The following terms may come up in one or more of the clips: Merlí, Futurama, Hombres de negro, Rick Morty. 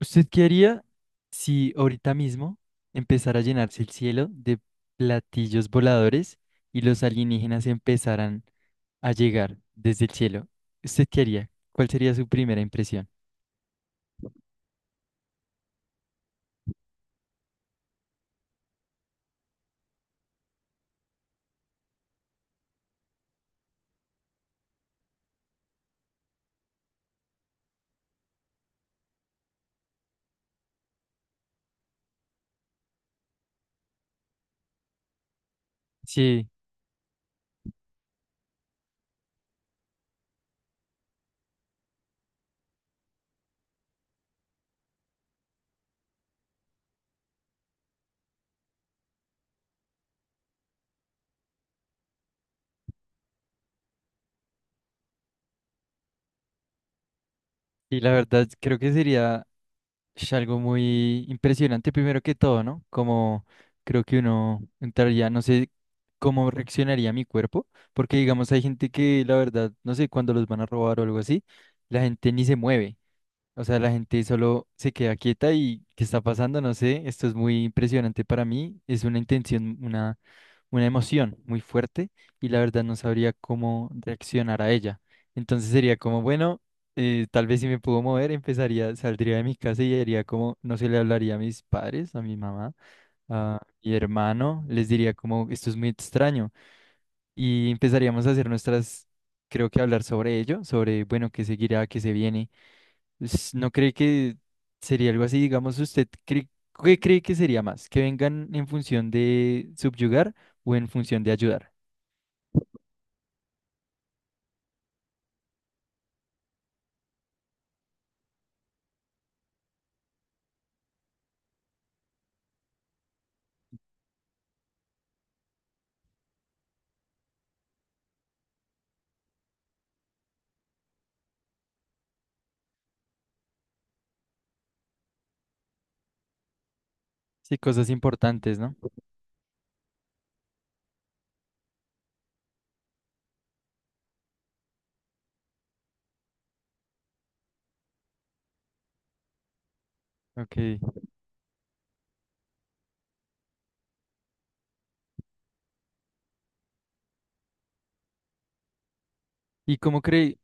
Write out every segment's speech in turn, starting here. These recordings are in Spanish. ¿Usted qué haría si ahorita mismo empezara a llenarse el cielo de platillos voladores y los alienígenas empezaran a llegar desde el cielo? ¿Usted qué haría? ¿Cuál sería su primera impresión? Sí. Y la verdad creo que sería algo muy impresionante primero que todo, ¿no? Como creo que uno entraría, no sé cómo reaccionaría mi cuerpo, porque digamos hay gente que la verdad, no sé, cuando los van a robar o algo así, la gente ni se mueve. O sea, la gente solo se queda quieta y ¿qué está pasando? No sé, esto es muy impresionante para mí, es una intención, una emoción muy fuerte y la verdad no sabría cómo reaccionar a ella. Entonces sería como, bueno, tal vez si me puedo mover, empezaría, saldría de mi casa y haría como, no se le hablaría a mis padres, a mi mamá, a mi hermano, les diría como, esto es muy extraño y empezaríamos a hacer nuestras, creo que hablar sobre ello, sobre, bueno, qué seguirá, qué se viene No cree que sería algo así, digamos, usted cree, ¿qué cree que sería más? ¿Que vengan en función de subyugar o en función de ayudar? Sí, cosas importantes, ¿no? Ok. ¿Y cómo cree,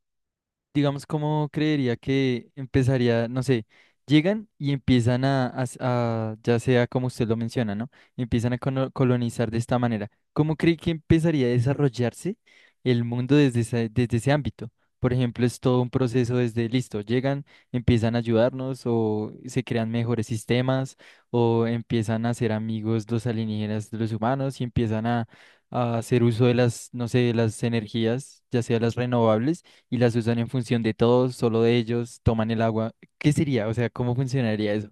digamos, cómo creería que empezaría, no sé, llegan y empiezan a ya sea como usted lo menciona, ¿no? Empiezan a colonizar de esta manera. ¿Cómo cree que empezaría a desarrollarse el mundo desde ese ámbito? Por ejemplo, es todo un proceso desde listo, llegan, empiezan a ayudarnos o se crean mejores sistemas o empiezan a ser amigos los alienígenas de los humanos y empiezan a hacer uso de las, no sé, de las energías, ya sea las renovables y las usan en función de todos, solo de ellos, toman el agua. ¿Qué sería? O sea, ¿cómo funcionaría eso?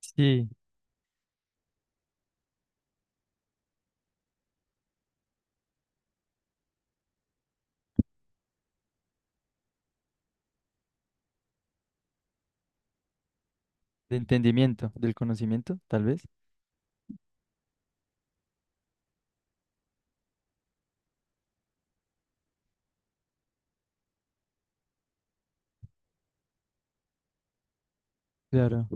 Sí, de entendimiento, del conocimiento, tal vez. Claro.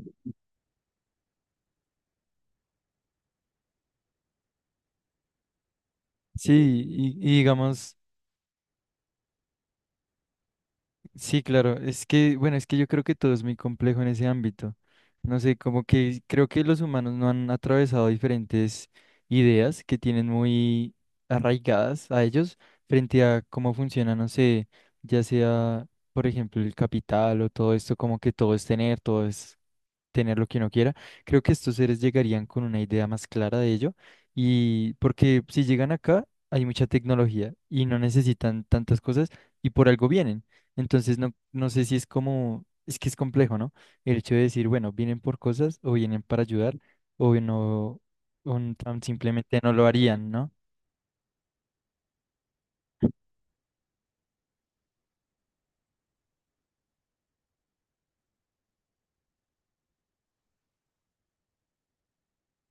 Sí, y digamos... Sí, claro, es que, bueno, es que yo creo que todo es muy complejo en ese ámbito. No sé, como que creo que los humanos no han atravesado diferentes ideas que tienen muy arraigadas a ellos frente a cómo funciona, no sé, ya sea, por ejemplo, el capital o todo esto, como que todo es tener lo que uno quiera. Creo que estos seres llegarían con una idea más clara de ello y porque si llegan acá hay mucha tecnología y no necesitan tantas cosas y por algo vienen. Entonces no sé si es como, es que es complejo, ¿no? El hecho de decir, bueno, vienen por cosas o vienen para ayudar o no, o tan simplemente no lo harían, ¿no?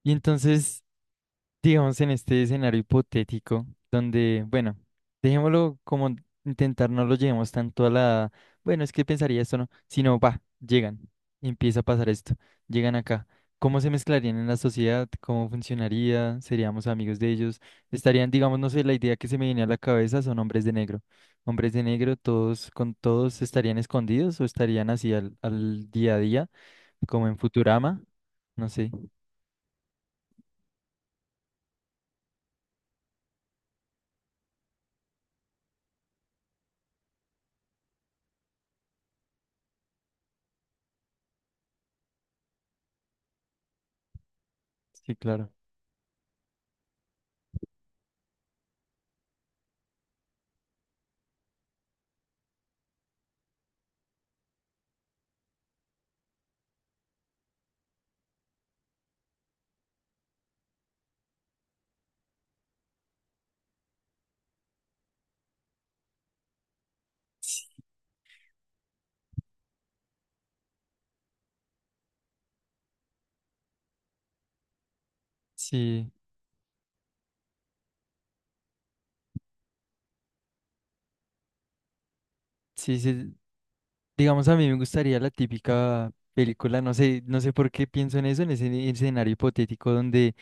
Y entonces, digamos, en este escenario hipotético, donde, bueno, dejémoslo como intentar no lo llevemos tanto a la, bueno, es que pensaría esto, ¿no? Sino, va, llegan, empieza a pasar esto, llegan acá. ¿Cómo se mezclarían en la sociedad? ¿Cómo funcionaría? ¿Seríamos amigos de ellos? Estarían, digamos, no sé, la idea que se me viene a la cabeza son hombres de negro. Hombres de negro, todos con todos estarían escondidos o estarían así al día a día, como en Futurama, no sé. Sí, claro. Sí. Sí, sí, digamos a mí me gustaría la típica película, no sé, no sé por qué pienso en eso, en ese escenario hipotético donde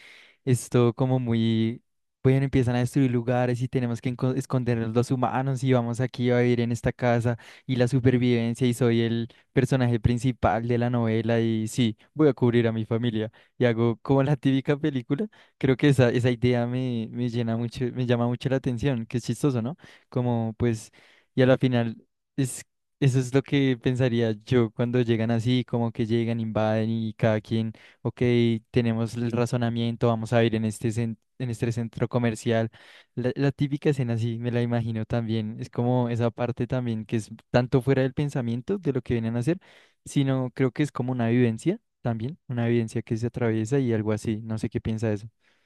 esto como muy, bueno, empiezan a destruir lugares y tenemos que escondernos los humanos y vamos aquí a vivir en esta casa y la supervivencia y soy el personaje principal de la novela y sí, voy a cubrir a mi familia y hago como la típica película. Creo que esa idea me llena mucho, me llama mucho la atención, que es chistoso, ¿no? Como pues, y a la final es... Eso es lo que pensaría yo cuando llegan así, como que llegan, invaden y cada quien Ok, tenemos el razonamiento, vamos a ir en este, en este centro comercial. La típica escena, sí, me la imagino también. Es como esa parte también que es tanto fuera del pensamiento de lo que vienen a hacer, sino creo que es como una vivencia también, una vivencia que se atraviesa y algo así. No sé qué piensa de eso.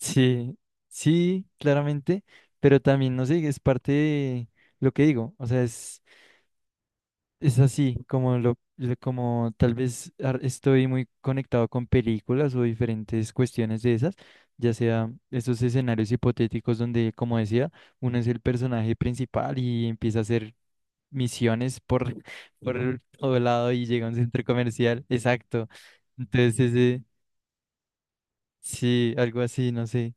Sí, sí, claramente, pero también, no sé, es parte de lo que digo. O sea, es. Es así, como como tal vez estoy muy conectado con películas o diferentes cuestiones de esas, ya sea esos escenarios hipotéticos donde, como decía, uno es el personaje principal y empieza a hacer misiones por, por todo lado y llega a un centro comercial. Exacto. Entonces, ese, sí, algo así, no sé.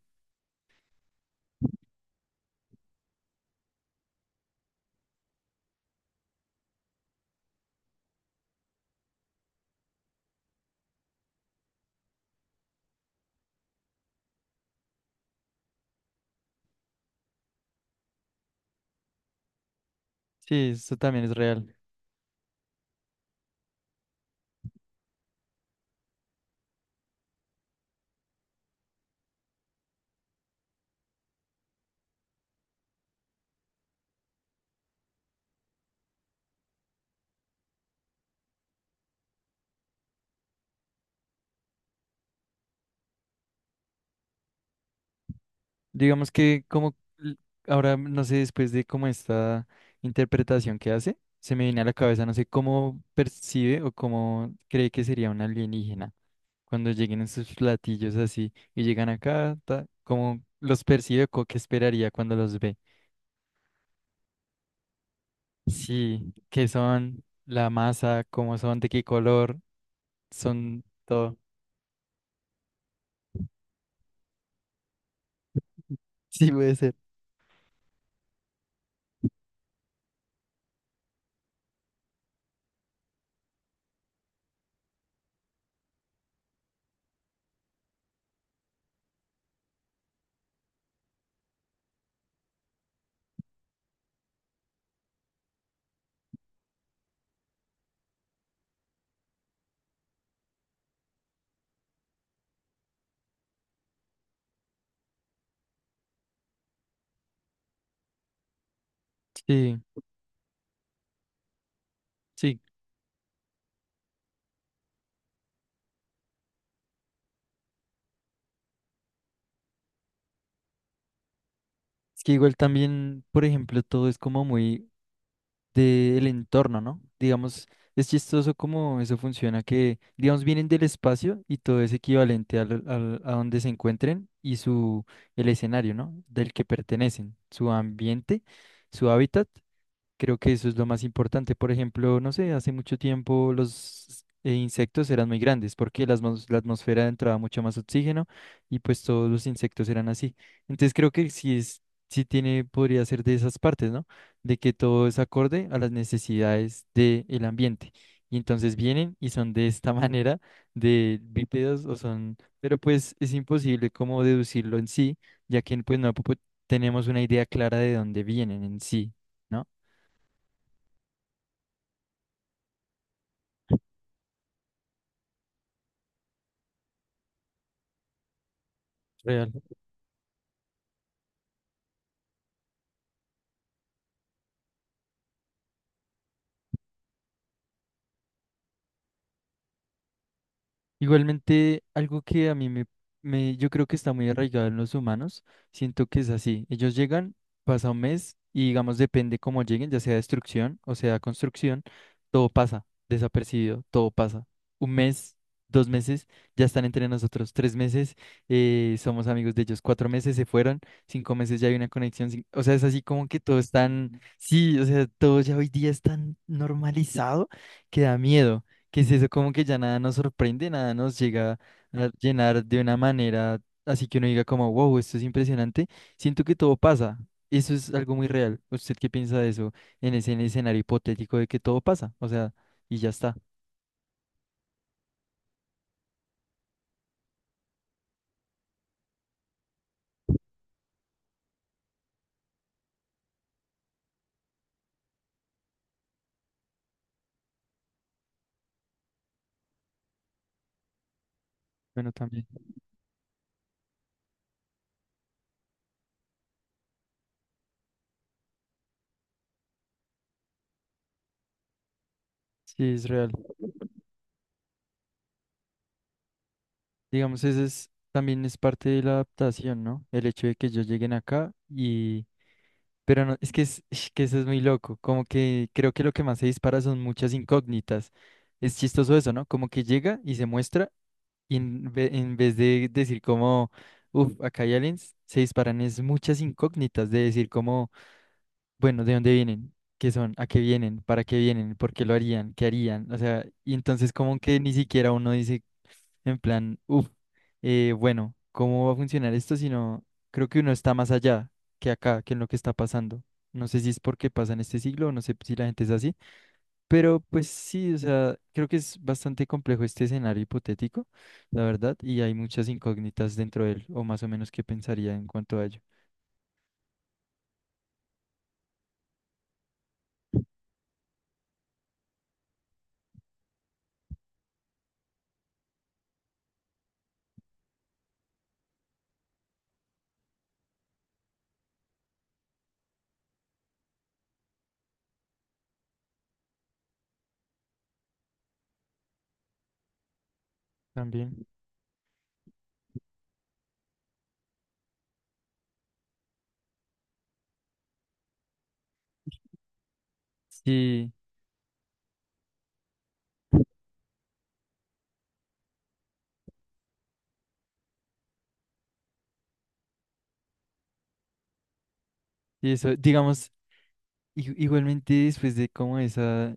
Sí, eso también es real. Digamos que como ahora, no sé, después de como esta interpretación que hace, se me viene a la cabeza, no sé cómo percibe o cómo cree que sería un alienígena cuando lleguen esos platillos así y llegan acá, ta, cómo los percibe o qué esperaría cuando los ve. Sí, qué son, la masa, cómo son, de qué color, son todo. Sí, puede ser. Sí, sí. Es que igual también, por ejemplo, todo es como muy del entorno, ¿no? Digamos, es chistoso cómo eso funciona, que, digamos, vienen del espacio y todo es equivalente a donde se encuentren y su, el escenario, ¿no? Del que pertenecen, su ambiente, su hábitat. Creo que eso es lo más importante. Por ejemplo, no sé, hace mucho tiempo los insectos eran muy grandes porque la atmósfera entraba mucho más oxígeno y pues todos los insectos eran así. Entonces creo que sí tiene, podría ser de esas partes, ¿no? De que todo es acorde a las necesidades del ambiente. Y entonces vienen y son de esta manera de bípedos o son, pero pues es imposible como deducirlo en sí, ya que pues no po- tenemos una idea clara de dónde vienen en sí. ¿no? Real. Igualmente, algo que a mí yo creo que está muy arraigado en los humanos, siento que es así. Ellos llegan, pasa un mes y digamos, depende cómo lleguen, ya sea destrucción o sea construcción, todo pasa desapercibido, todo pasa. Un mes, dos meses, ya están entre nosotros. Tres meses, somos amigos de ellos. Cuatro meses se fueron, cinco meses ya hay una conexión. O sea, es así como que todo es tan, sí, o sea, todo ya hoy día es tan normalizado que da miedo. ¿que es eso? Como que ya nada nos sorprende, nada nos llega a llenar de una manera así que uno diga como, wow, esto es impresionante. Siento que todo pasa. Eso es algo muy real. ¿Usted qué piensa de eso en ese en el escenario hipotético de que todo pasa? O sea, y ya está. Bueno, también. Sí, es real. Digamos, eso es, también es parte de la adaptación, ¿no? El hecho de que ellos lleguen acá y... Pero no, es que, es, que eso es muy loco. Como que creo que lo que más se dispara son muchas incógnitas. Es chistoso eso, ¿no? Como que llega y se muestra. Y en vez de decir como, uff, acá hay aliens, se disparan es muchas incógnitas de decir como, bueno, ¿de dónde vienen? ¿Qué son? ¿A qué vienen? ¿Para qué vienen? ¿Por qué lo harían? ¿Qué harían? O sea, y entonces como que ni siquiera uno dice en plan, uff, bueno, ¿cómo va a funcionar esto? Sino creo que uno está más allá que acá, que en lo que está pasando. No sé si es porque pasa en este siglo o no sé si la gente es así. Pero pues sí, o sea, creo que es bastante complejo este escenario hipotético, la verdad, y hay muchas incógnitas dentro de él, o más o menos qué pensaría en cuanto a ello. También. Sí, y eso, digamos, igualmente después de como esa,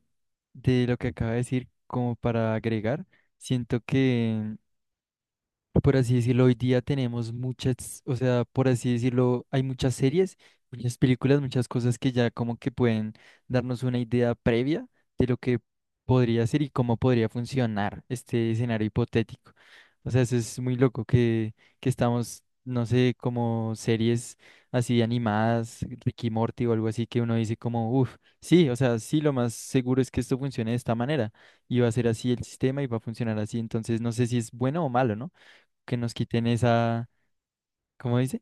de lo que acaba de decir, como para agregar, siento que por así decirlo, hoy día tenemos muchas, o sea, por así decirlo, hay muchas series, muchas películas, muchas cosas que ya como que pueden darnos una idea previa de lo que podría ser y cómo podría funcionar este escenario hipotético. O sea, eso es muy loco que estamos, no sé, como series así animadas, Ricky Morty o algo así, que uno dice como, uff, sí, o sea, sí, lo más seguro es que esto funcione de esta manera y va a ser así el sistema y va a funcionar así. Entonces, no sé si es bueno o malo, ¿no? que nos quiten esa, ¿cómo dice?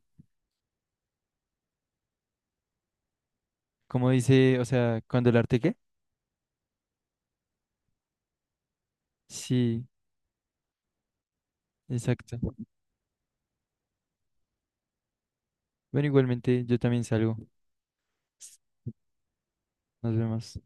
¿Cómo dice? O sea, ¿cuando el arte qué? Sí, exacto. Bueno, igualmente yo también salgo. Nos vemos.